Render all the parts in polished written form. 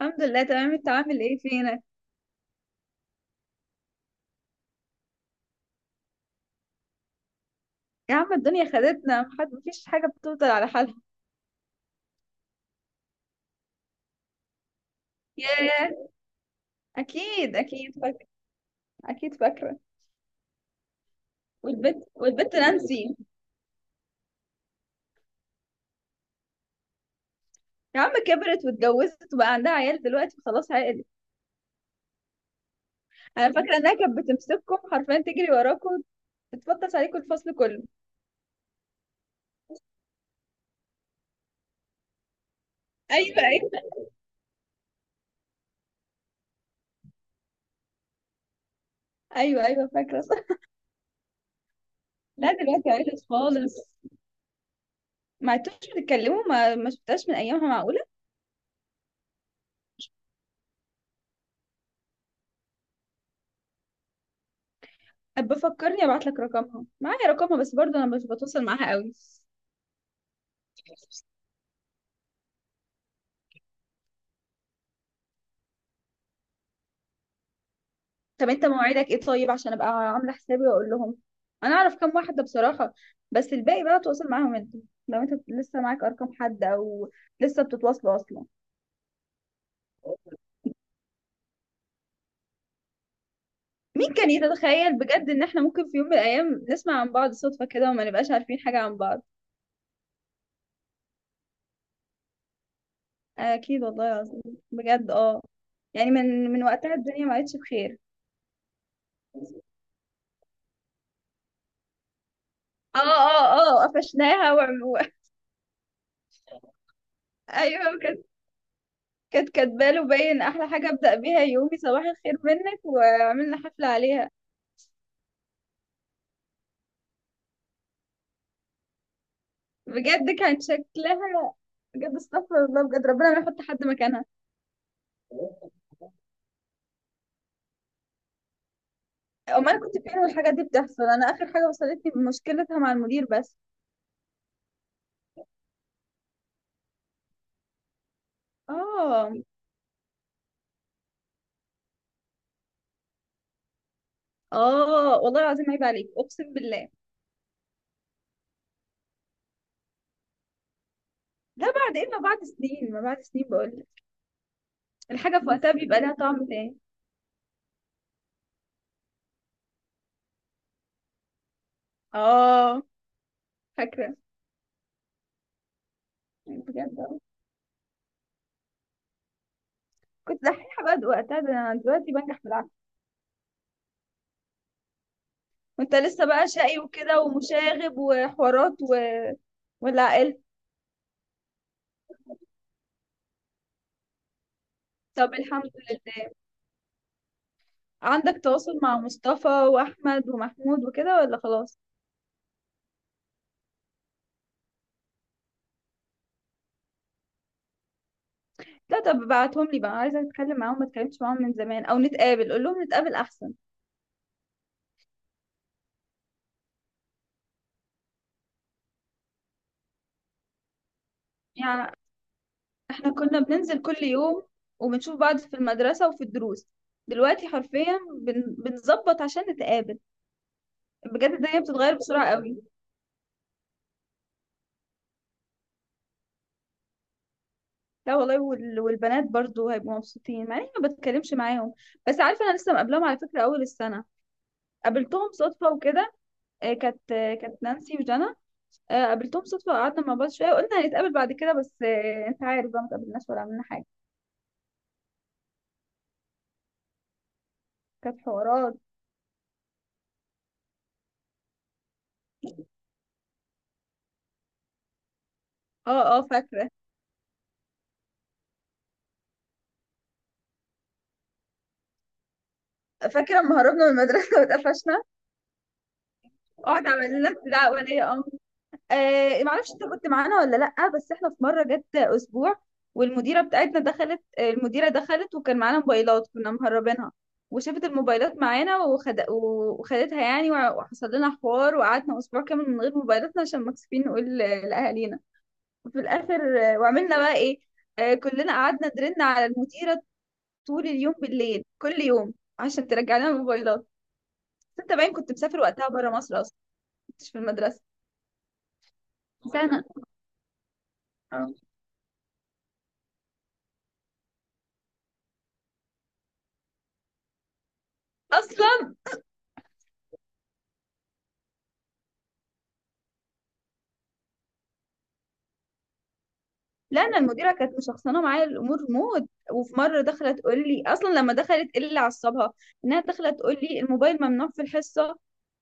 الحمد لله، تمام. انت عامل ايه؟ فينك؟ يا عم، الدنيا خدتنا، محد، مفيش حاجه بتفضل على حالها. ياه. اكيد اكيد فاكره. اكيد فاكره. والبت نانسي. يا عم، كبرت واتجوزت وبقى عندها عيال دلوقتي، خلاص عقلت. انا فاكره انها كانت بتمسككم حرفيا تجري وراكم، تتفطس عليكم الفصل كله. ايوه، ايوه، ايوه، ايوه، فاكره صح. لا، دلوقتي عقلت خالص. ما عدتوش بتتكلموا؟ ما شفتهاش من ايامها؟ معقوله؟ بفكرني ابعت لك رقمها، معايا رقمها، بس برضه انا مش بتواصل معاها قوي. طب انت مواعيدك ايه؟ طيب عشان ابقى عامله حسابي واقول لهم. انا اعرف كام واحده بصراحه، بس الباقي بقى تواصل معاهم انت، لو انت لسه معاك ارقام حد، او لسه بتتواصلوا اصلا. مين كان يتخيل بجد ان احنا ممكن في يوم من الايام نسمع عن بعض صدفه كده، وما نبقاش عارفين حاجه عن بعض؟ اكيد والله العظيم. بجد، اه. يعني من وقتها الدنيا ما عادش بخير. اه، اه، اه، قفشناها ايوه، كانت كاتباله، باين احلى حاجه ابدا بيها يومي صباح الخير منك، وعملنا حفله عليها. بجد كان شكلها، بجد استغفر الله، بجد ربنا ما يحط حد مكانها. امال انا كنت فين والحاجات دي بتحصل؟ انا اخر حاجه وصلتني مشكلتها مع المدير بس. اه، اه، والله العظيم عيب عليك اقسم بالله. ده بعد ايه؟ ما بعد سنين، ما بعد سنين بقول لك. الحاجه في وقتها بيبقى لها طعم تاني. اه، فاكره. بجد. كنت دحيحه بقى وقتها، ده انا دلوقتي بنجح بالعافيه. وانت لسه بقى شقي وكده ومشاغب وحوارات ولا اقل. طب الحمد لله. عندك تواصل مع مصطفى واحمد ومحمود وكده ولا خلاص؟ لا، طب ابعتهم لي بقى، عايزه اتكلم معاهم، ما اتكلمتش معاهم من زمان. او نتقابل، قول لهم نتقابل احسن. يعني احنا كنا بننزل كل يوم وبنشوف بعض في المدرسه وفي الدروس، دلوقتي حرفيا بنظبط عشان نتقابل. بجد الدنيا بتتغير بسرعه قوي. لا والله، والبنات برضو هيبقوا مبسوطين مع اني ما بتكلمش معاهم، بس عارفه انا لسه مقابلاهم على فكره اول السنه، قابلتهم صدفه وكده. كانت نانسي وجنى. قابلتهم صدفة، قعدنا مع بعض شوية وقلنا هنتقابل بعد كده. بس انت عارف بقى، ما اتقابلناش ولا عملنا حاجة. كانت حوارات. اه، اه، فاكرة. فاكرة لما هربنا من المدرسة واتقفشنا، وقعد عمل لنا استدعاء ولي امر. معرفش انت كنت معانا ولا لأ، بس احنا في مرة جت اسبوع والمديرة بتاعتنا دخلت. المديرة دخلت وكان معانا موبايلات كنا مهربينها، وشافت الموبايلات معانا، وخدتها يعني، وحصل لنا حوار وقعدنا اسبوع كامل من غير موبايلاتنا عشان مكسوفين نقول لاهالينا. في الاخر وعملنا بقى ايه؟ كلنا قعدنا درنا على المديره طول اليوم بالليل كل يوم عشان ترجع لنا الموبايلات. بس انت باين كنت مسافر وقتها بره مصر اصلا، كنتش في المدرسه. بس انا اصلا. لا، انا المديره كانت مشخصنه معايا الامور موت، وفي مره دخلت تقول لي، اصلا لما دخلت إيه اللي عصبها، انها دخلت تقول لي الموبايل ممنوع في الحصه.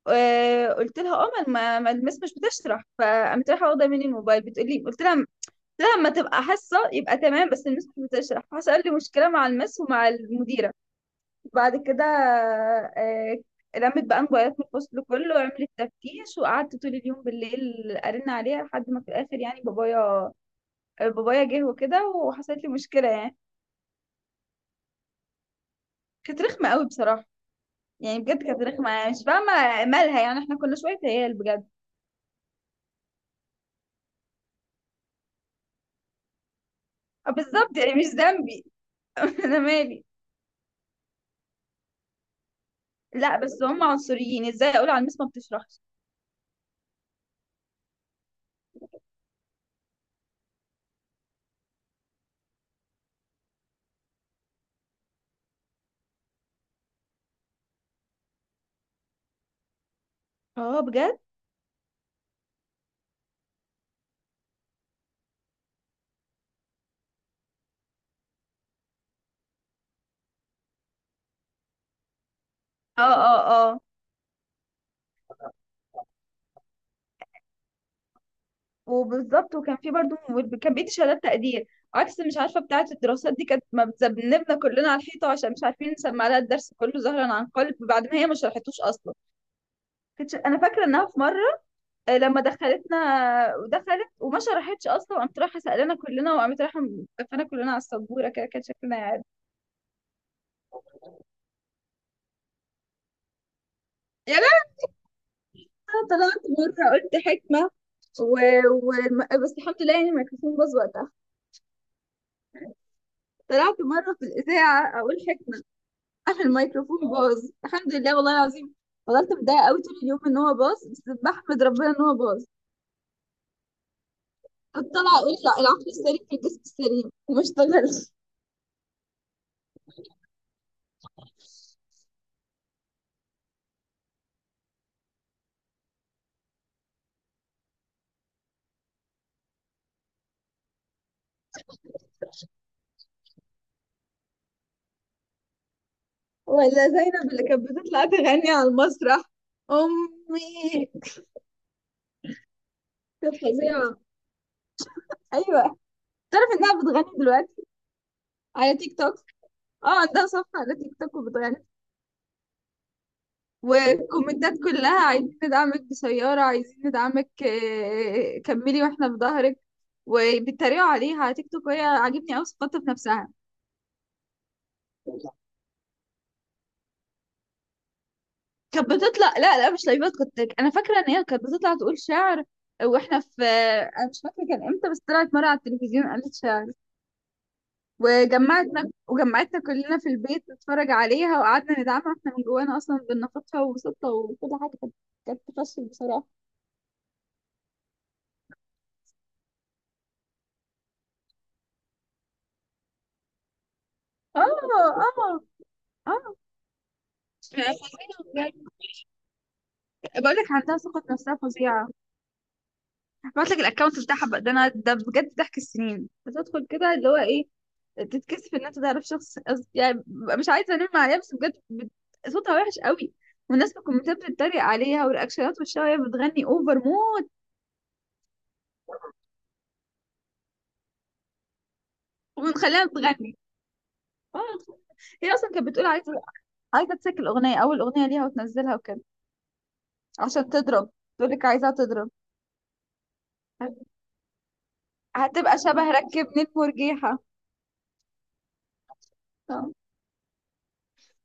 قلت لها اه، ما المس مش بتشرح، فقامت رايحه واخده مني الموبايل، بتقول لي، قلت لها لما تبقى حصة يبقى تمام، بس المس مش بتشرح. حصل لي مشكلة مع المس ومع المديرة بعد كده. آه، لمت بقى موبايلات من الفصل كله وعملت تفتيش وقعدت طول اليوم بالليل ارن عليها، لحد ما في الاخر يعني بابايا، بابايا جه وكده وحصلت لي مشكلة يعني. كانت رخمة قوي بصراحة يعني، بجد كانت رخمة، يعني مش فاهمة مالها، يعني احنا كنا شوية عيال بجد. بالظبط يعني مش ذنبي. انا مالي. لا بس هم عنصريين ازاي، اقول على المس ما بتشرحش. اه بجد. اه، اه، وبالظبط. وكان في برضه كان بيدي شهادات تقدير، عكس مش عارفه بتاعه الدراسات دي، كانت ما بتذنبنا كلنا على الحيطه عشان مش عارفين نسمع لها الدرس كله ظهرا عن قلب بعد ما هي ما شرحتوش اصلا. كنتش انا فاكره انها في مره، لما دخلتنا، ودخلت وما شرحتش اصلا، وقامت رايحه سالنا كلنا، وقامت رايحه مدفنا كلنا على السبوره، كده كان شكلنا يعني. يا لا. انا طلعت مره قلت حكمه و... و... بس الحمد لله يعني الميكروفون باظ وقتها. طلعت مره في الاذاعه اقول حكمه، انا الميكروفون باظ الحمد لله والله العظيم. فضلت متضايقه قوي طول اليوم ان هو باظ، بس بحمد ربنا ان هو باظ. كنت طالعه اقول، لا، العقل السليم في الجسم السليم، وما اشتغلش. ولا زينب اللي كانت بتطلع تغني على المسرح، امي كانت فظيعه. ايوه، تعرف انها بتغني دلوقتي على تيك توك؟ اه، عندها صفحه على تيك توك وبتغني، والكومنتات كلها عايزين ندعمك بسيارة، عايزين ندعمك، كملي واحنا في ظهرك. وبيتريقوا عليها على تيك توك، وهي عاجبني قوي ثقتها في نفسها. كانت بتطلع، لا لا مش لايفات. كنت انا فاكره ان هي كانت بتطلع تقول شعر واحنا في. انا مش فاكره كان امتى، بس طلعت مره على التلفزيون قالت شعر، وجمعتنا كلنا في البيت نتفرج عليها، وقعدنا ندعمها واحنا من جوانا اصلا بنناقشها وبسطها، وكل حاجه كانت، كانت تفشل بصراحه. اه، اه، اه، بقول لك عندها ثقة في نفسها فظيعة. هبعت لك الاكونت بتاعها بقى، ده انا ده بجد ضحك السنين بتدخل كده اللي هو ايه، تتكسف ان انت تعرف شخص يعني ببقى مش عايزة انام عليها، بس بجد صوتها وحش قوي. والناس في الكومنتات بتتريق عليها، والرياكشنات وشها وهي بتغني اوفر مود. ومنخليها تغني. آه، هي اصلا كانت بتقول عايزة تسجل اغنية، اول اغنية ليها وتنزلها وكده عشان تضرب، تقول لك عايزاها تضرب. هتبقى شبه ركبني في مرجيحة. آه.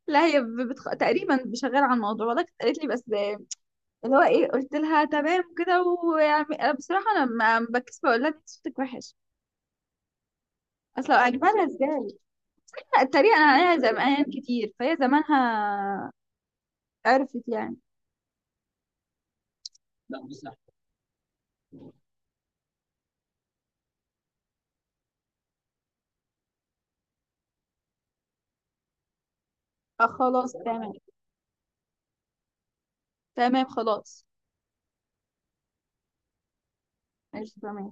لا، هي تقريبا شغاله على الموضوع والله، كانت قالت لي بس اللي هو ايه، قلت لها تمام كده، ويعني أنا بصراحه انا ما بكسف اقول لها أنت صوتك وحش، اصل لو عجبانها ازاي. لا، الطريقه انا عليها زمان كتير، فهي زمانها عرفت يعني. اه، خلاص تمام. تمام خلاص. ماشي تمام.